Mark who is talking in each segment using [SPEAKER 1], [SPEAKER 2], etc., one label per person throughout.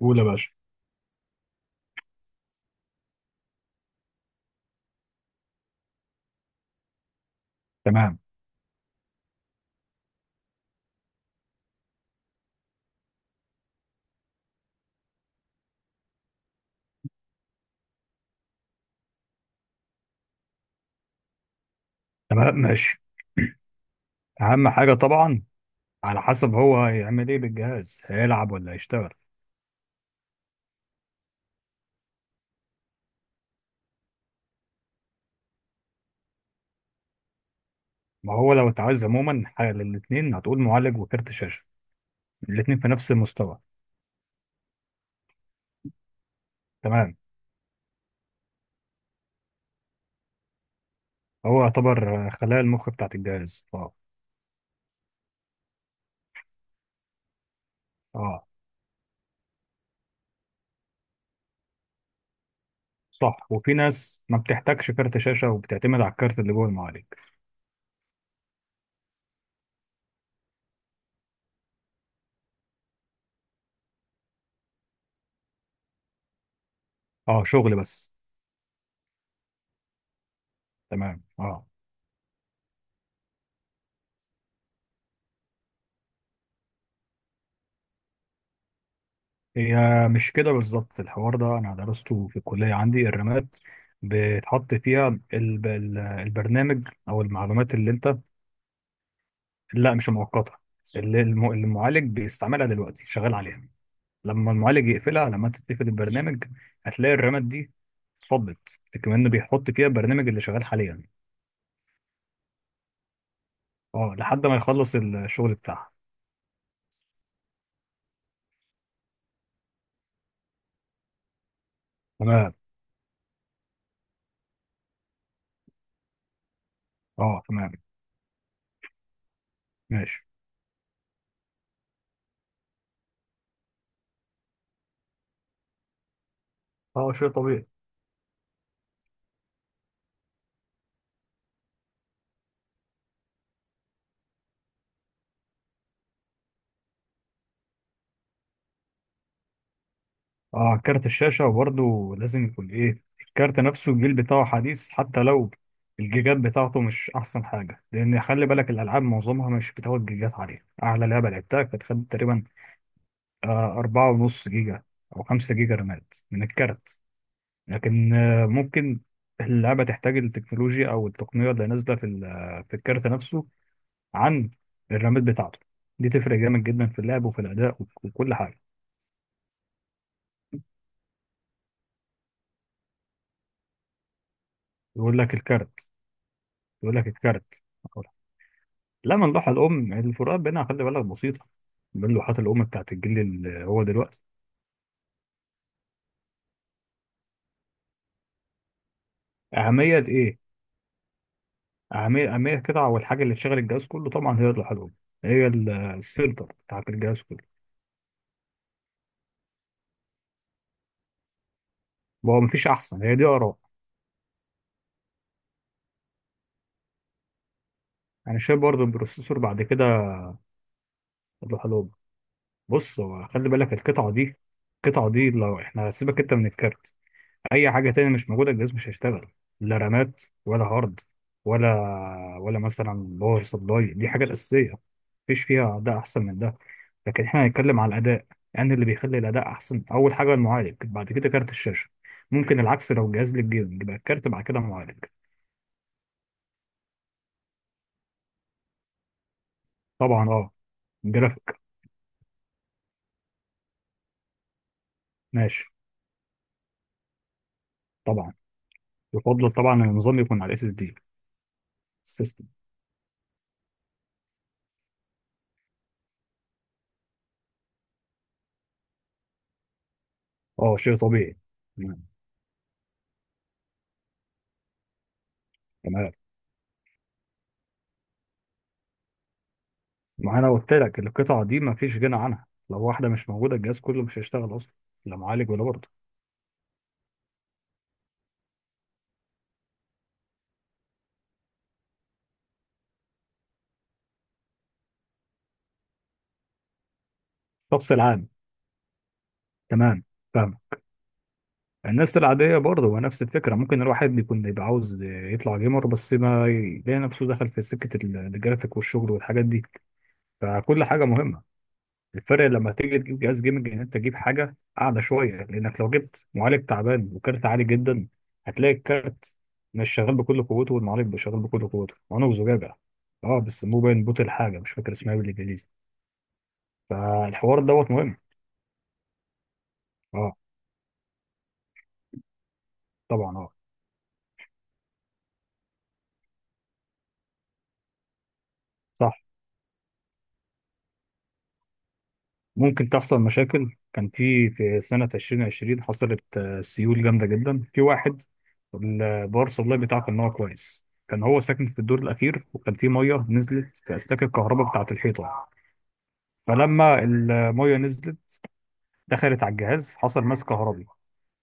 [SPEAKER 1] قول يا باشا. تمام. تمام ماشي. اهم حاجه طبعا. على حسب هو هيعمل ايه بالجهاز، هيلعب ولا هيشتغل؟ ما هو لو اتعوز عموما حاجه للاثنين هتقول معالج وكارت شاشه، الاثنين في نفس المستوى. تمام. هو يعتبر خلايا المخ بتاعت الجهاز، اه. اه صح، وفي ناس ما بتحتاجش كارت شاشه وبتعتمد على الكارت اللي جوه المعالج. اه شغل بس. تمام اه. هي مش كده بالظبط، الحوار ده انا درسته في الكليه، عندي الرماد بتحط فيها البرنامج او المعلومات اللي انت. لا مش مؤقته، اللي المعالج بيستعملها دلوقتي شغال عليها، لما المعالج يقفلها لما انت تقفل البرنامج هتلاقي الرماد دي اتفضت، كمان بيحط فيها البرنامج اللي شغال حاليا. اه لحد ما يخلص الشغل بتاعها. تمام اه. تمام ماشي. اه شيء طبيعي. اه كارت الشاشة برضه لازم يكون ايه، الكارت نفسه الجيل بتاعه حديث حتى لو الجيجات بتاعته مش احسن حاجة، لان خلي بالك الالعاب معظمها مش بتاخد جيجات عليها، اعلى لعبة لعبتها كانت خدت تقريبا 4.5 جيجا او 5 جيجا رامات من الكارت. لكن ممكن اللعبة تحتاج التكنولوجيا او التقنية اللي نازلة في الكارت نفسه عن الرامات بتاعته، دي تفرق جامد جدا في اللعب وفي الاداء وكل حاجة. يقول لك الكارت. يقول لك الكارت. لا، من لوحة الأم الفروقات بينها خلي بالك بسيطة، بين لوحات الأم بتاعت الجيل اللي هو دلوقتي. أهمية إيه؟ أهمية، أهمية القطعة والحاجة اللي تشغل الجهاز كله طبعا هي اللوحة الأم. هي السنتر بتاعت الجهاز كله. هو مفيش أحسن، هي دي آراء. أنا شايف برضه البروسيسور بعد كده. اللوحة الأم، بص هو خلي بالك القطعة دي، القطعة دي لو إحنا سيبك أنت من الكارت اي حاجه تانية مش موجوده الجهاز مش هيشتغل، لا رامات ولا هارد، ولا ولا مثلا باور سبلاي، دي حاجه الاساسيه. مفيش فيها اداء احسن من ده، لكن احنا هنتكلم على الاداء يعني اللي بيخلي الاداء احسن اول حاجه المعالج بعد كده كارت الشاشه، ممكن العكس لو جهاز للجيمنج يبقى الكارت بعد كده معالج. طبعا اه. جرافيك. ماشي. طبعا يفضل طبعا إن النظام يكون على الاس اس دي. سيستم. اه شيء طبيعي. تمام، ما انا قلت لك القطعه دي ما فيش غنى عنها، لو واحده مش موجوده الجهاز كله مش هيشتغل اصلا، لا معالج ولا برضه. الشخص العام. تمام. فاهم. الناس العاديه برضه هو نفس الفكره، ممكن الواحد بيكون يبقى عاوز يطلع جيمر بس ما يلاقي نفسه دخل في سكه الجرافيك والشغل والحاجات دي، فكل حاجه مهمه. الفرق لما تيجي تجيب جهاز جيمنج ان انت تجيب حاجه اعلى شويه، لانك لو جبت معالج تعبان وكارت عالي جدا هتلاقي الكارت مش شغال بكل قوته والمعالج مش شغال بكل قوته، وانا وزجاجه. اه بس مو باين بوت، الحاجه مش فاكر اسمها إيه بالانجليزي، فالحوار دوت مهم. اه طبعا. اه صح. ممكن تحصل مشاكل، كان في سنه 2020 حصلت سيول جامده جدا في واحد، الباور سبلاي بتاعه كان هو كويس، كان هو ساكن في الدور الاخير وكان في ميه نزلت في اسلاك الكهرباء بتاعه الحيطه، فلما المية نزلت دخلت على الجهاز حصل ماس كهربي،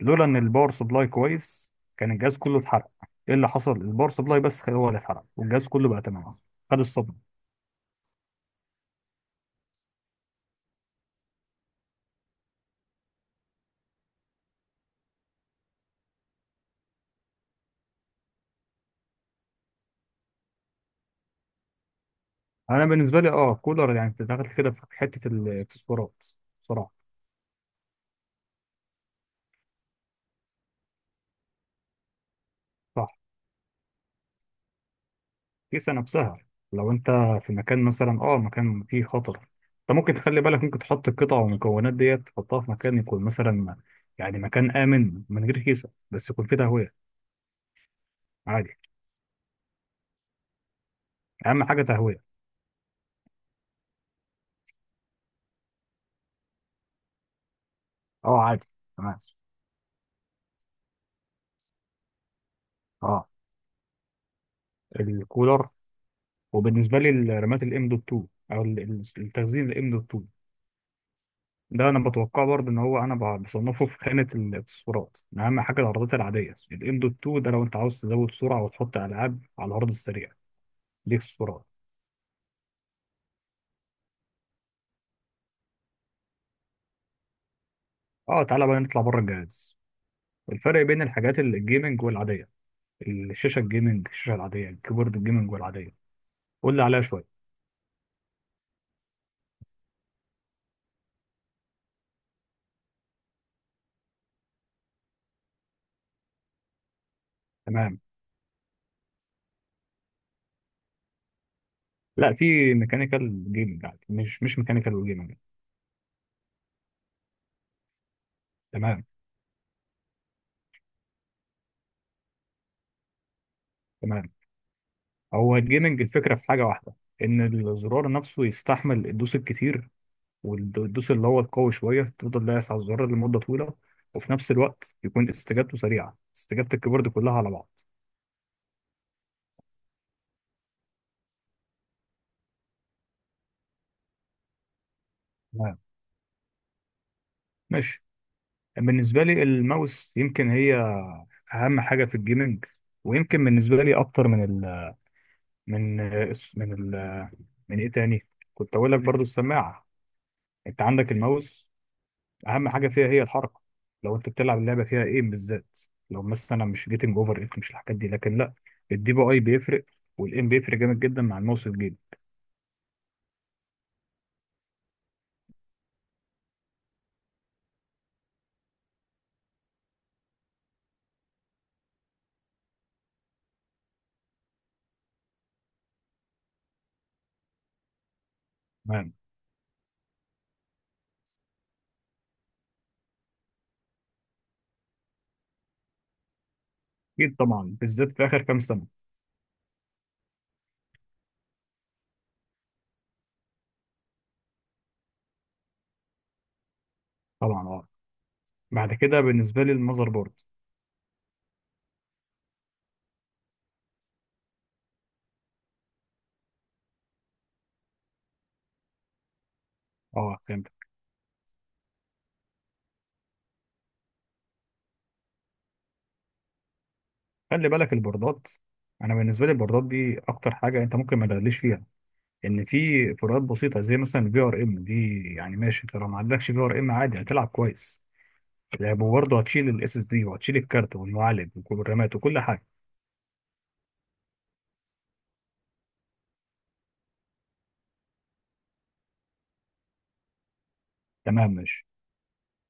[SPEAKER 1] لولا ان الباور سبلاي كويس كان الجهاز كله اتحرق. ايه اللي حصل؟ الباور سبلاي بس هو اللي اتحرق والجهاز كله بقى تمام، خد الصدمه. انا بالنسبه لي اه كولر، يعني بتتدخل كده في حته الاكسسوارات بصراحه. صح. كيسه نفسها، لو انت في مكان مثلا اه مكان فيه خطر، انت ممكن تخلي بالك ممكن تحط القطع والمكونات ديت تحطها في مكان يكون مثلا يعني مكان امن من غير كيسه بس يكون فيه تهويه. عادي. اهم حاجه تهويه. اه عادي. تمام اه. الكولر وبالنسبه لي الرامات الام دوت 2، او التخزين الام دوت 2، ده انا بتوقع برضه ان هو انا بصنفه في خانه الاكسسوارات، من اهم حاجه العرضات العاديه، الام دوت 2 ده لو انت عاوز تزود سرعه وتحط العاب على العرض السريع، دي اكسسوارات. اه تعالى بقى نطلع بره الجهاز، الفرق بين الحاجات الجيمنج والعاديه، الشاشه الجيمنج الشاشه العاديه الكيبورد الجيمنج والعاديه، قول لي عليها شويه. تمام، لا في ميكانيكال جيمنج عادي مش ميكانيكال وجيمنج. تمام. تمام. هو الجيمنج الفكرة في حاجة واحدة، إن الزرار نفسه يستحمل الدوس الكتير، والدوس اللي هو القوي شوية تفضل دايس على الزرار لمدة طويلة، وفي نفس الوقت يكون استجابته سريعة، استجابة الكيبورد كلها على بعض. تمام ماشي. بالنسبة لي الماوس يمكن هي أهم حاجة في الجيمنج، ويمكن بالنسبة لي أكتر من من ال من إيه تاني، كنت أقول لك برضو السماعة. أنت عندك الماوس، اهم حاجه فيها هي الحركه، لو انت بتلعب اللعبه فيها ايه بالذات، لو مثلا مش جيتنج اوفر ايت مش الحاجات دي لكن لا، الدي بي اي بيفرق والايم بيفرق جامد جدا مع الماوس والجيم. تمام. اكيد طبعا بالذات في اخر كام سنه. طبعا اه. بعد كده بالنسبه لي المذر بورد. اه فهمت. خلي بالك البوردات، انا بالنسبه لي البوردات دي اكتر حاجه انت ممكن ما تغليش فيها، ان في فروقات بسيطه زي مثلا الفي ار ام دي يعني ماشي، انت لو ما عندكش في ار ام عادي هتلعب كويس لعب، وبرضه هتشيل الاس اس دي وهتشيل الكارت والمعالج والرامات وكل حاجه. تمام ماشي.